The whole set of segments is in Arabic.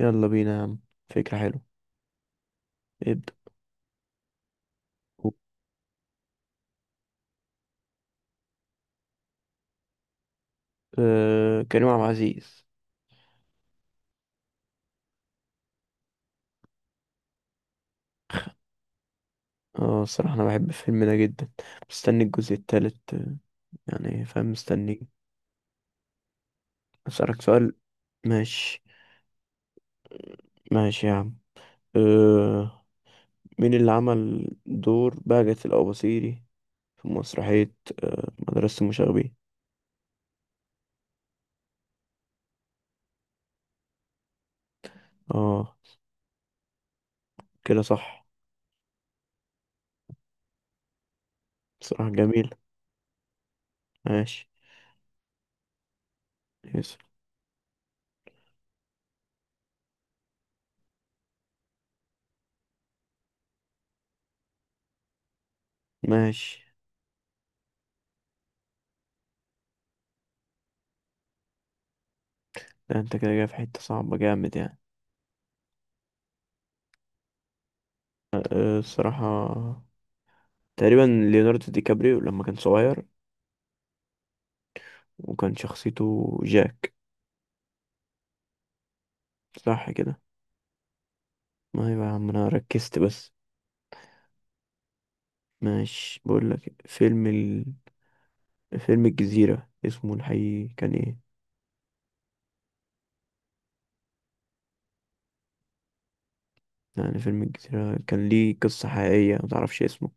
يلا بينا يا عم. فكرة حلوة. ابدأ. أه، كريم عبد العزيز. اه، الصراحة أنا بحب الفيلم ده جدا، مستني الجزء التالت. يعني فاهم، مستني. أسألك سؤال. ماشي. ماشي يا عم. أه مين اللي عمل دور بهجت الأباصيري في مسرحية مدرسة المشاغبين؟ اه كده صح. بصراحة جميل. ماشي. يس. ماشي. ده انت كده جاي في حتة صعبة جامد يعني. الصراحة تقريبا ليوناردو دي كابريو لما كان صغير، وكان شخصيته جاك. صح كده. ما هي بقى يا عم، انا ركزت بس. ماشي، بقول لك فيلم الجزيرة، اسمه الحقيقي كان ايه؟ يعني فيلم الجزيرة كان ليه قصة حقيقية ما تعرفش اسمه؟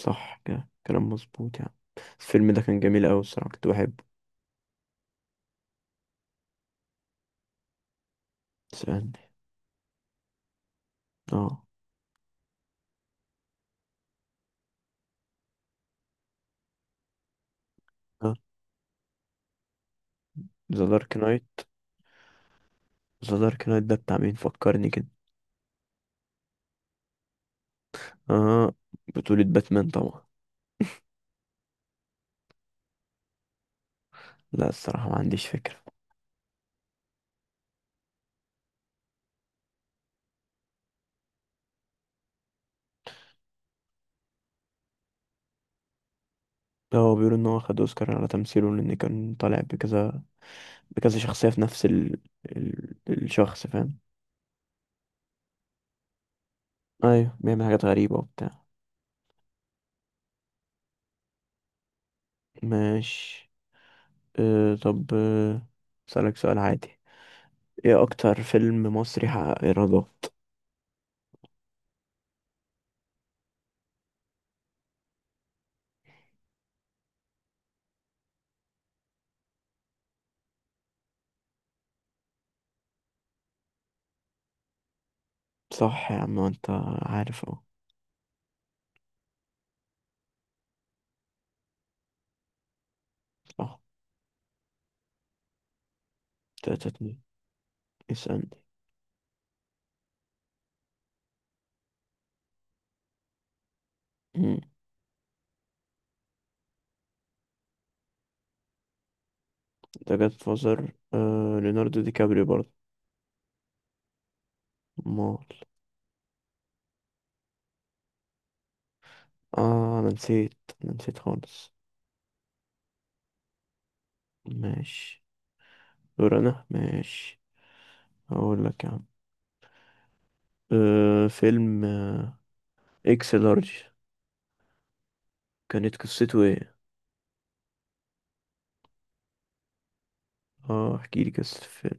صح كده، كلام مظبوط يعني. الفيلم ده كان جميل أوي الصراحة، كنت بحبه. استنى. اه. ذا دارك نايت. ذا دارك نايت ده بتاع مين، فكرني كده. اه، بطولة باتمان طبعا. لا، الصراحة ما عنديش فكرة. لا، هو بيقول ان هو خد اوسكار على تمثيله، لان كان طالع بكذا بكذا شخصية في نفس الشخص، فاهم. ايوه، بيعمل حاجات غريبة وبتاع. ماشي. أه طب أه، اسألك سؤال عادي. ايه اكتر فيلم مصري حقق ايرادات؟ صح يا عم انت، عارف اهو. صح. 3-2، اسألني. مم. ده جاد فازر ليوناردو دي كابريو برضه. مال. اه انا نسيت، انا نسيت خالص. ماشي، دور انا. ماشي، هقول لك يا عم. فيلم اكس لارج، كانت قصته ايه؟ اه، احكي لي قصة الفيلم.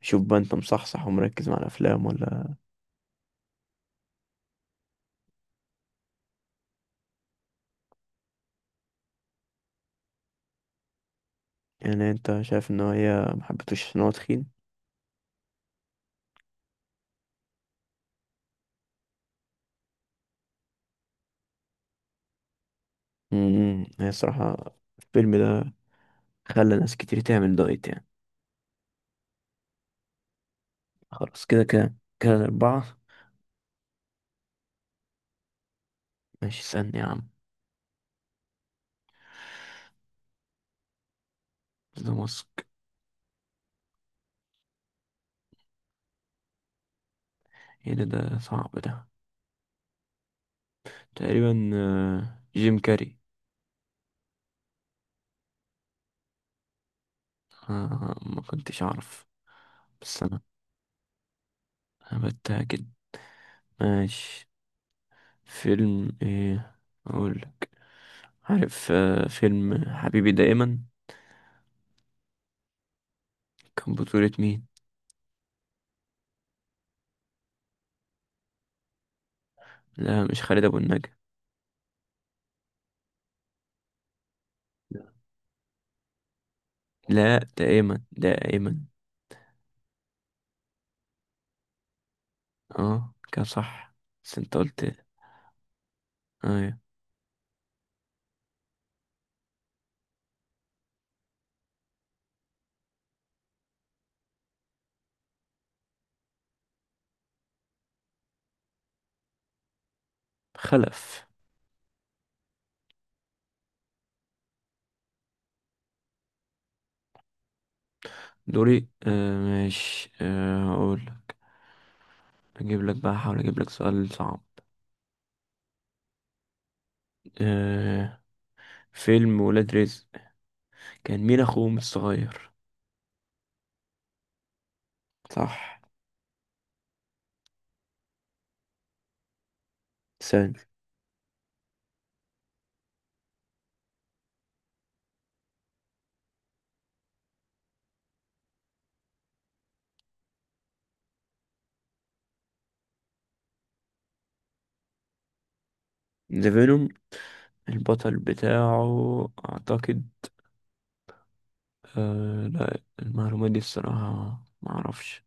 شوف بقى، انت مصحصح ومركز مع الافلام ولا؟ يعني انت شايف ان هي ما حبيتوش ان هو تخين. امم، هي الصراحة الفيلم ده خلى ناس كتير تعمل دايت يعني. خلاص، كده كده كده الاربعة. ماشي، اسألني يا عم. ده ماسك. ايه ده صعب ده. تقريبا جيم كاري. ما كنتش اعرف. بس انا بتأكد. ماشي. فيلم ايه اقول لك؟ عارف فيلم حبيبي دائما كان بطولة مين؟ لا، مش خالد ابو النجا. لا، ده ايمن، ده ايمن. اه كان صح. بس انت قلت. ايوه. خلف. دوري. ماشي. اقول لك، اجيب لك بقى، احاول اجيب لك سؤال صعب. آه فيلم ولاد رزق، كان مين اخوهم الصغير؟ صح. ثاني. ذا فينوم. البطل بتاعه اعتقد... لا، المعلومات دي الصراحة ما اعرفش.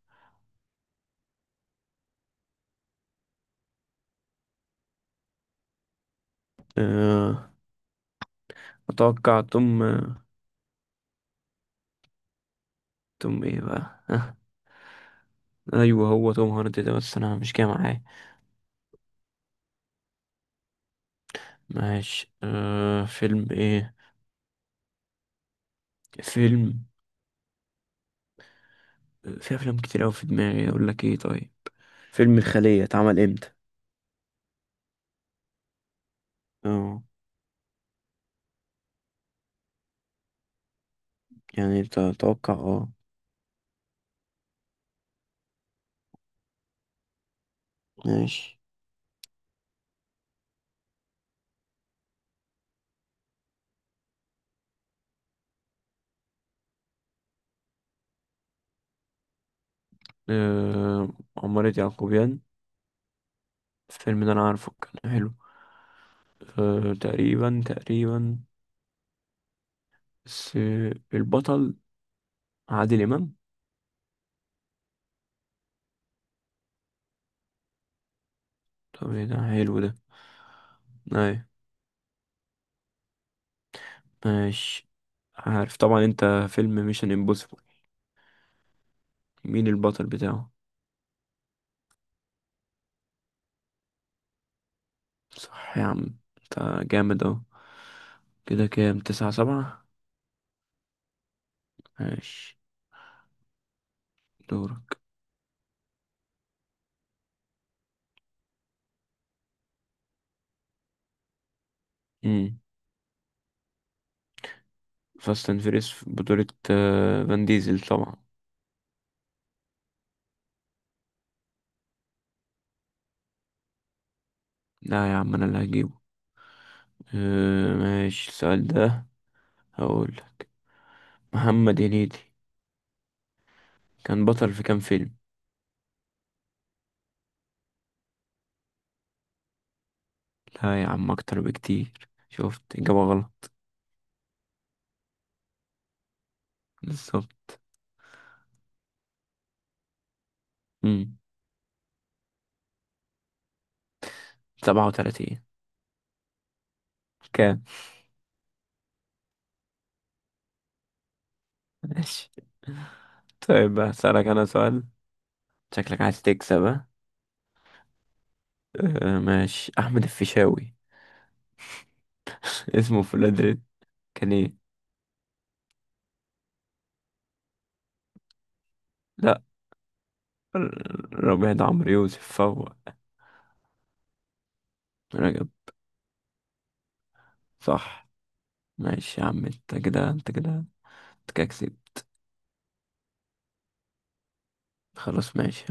آه اتوقع توم. توم ايه بقى، ها؟ ايوه، هو توم هاردي ده، بس انا مش جاي معاه. ماشي. فيلم ايه؟ فيلم في افلام كتير اوي في دماغي، اقول لك ايه، طيب فيلم الخلية اتعمل امتى؟ اه، يعني انت تتوقع اه. ماشي. آه عمارة يعقوبيان. الفيلم ده انا عارفه، كان حلو. آه تقريبا، تقريبا. بس البطل عادل امام. طب ايه ده حلو ده. ايوه. ماشي. عارف طبعا انت، فيلم ميشن امبوسيبل مين البطل بتاعه؟ صح يا عم، انت جامد اهو. كده كام، 9-7. ماشي. دورك. امم. فاست اند فيريس في بطولة فان ديزل طبعا. لا يا عم، انا اللي هجيبه. ماشي، السؤال ده هقولك. محمد هنيدي كان بطل في كام فيلم؟ لا يا عم، اكتر بكتير، شفت اجابة غلط. بالظبط. امم. 37. كام. ماشي. طيب هسألك انا سؤال. شكلك عايز تكسب، ها؟ ماشي. أحمد الفيشاوي، اسمه في الأدريس كان إيه؟ لأ. ربيع ده عمرو يوسف فهو. رجب. صح. ماشي يا عم. أنت كده كسبت. خلاص ماشي.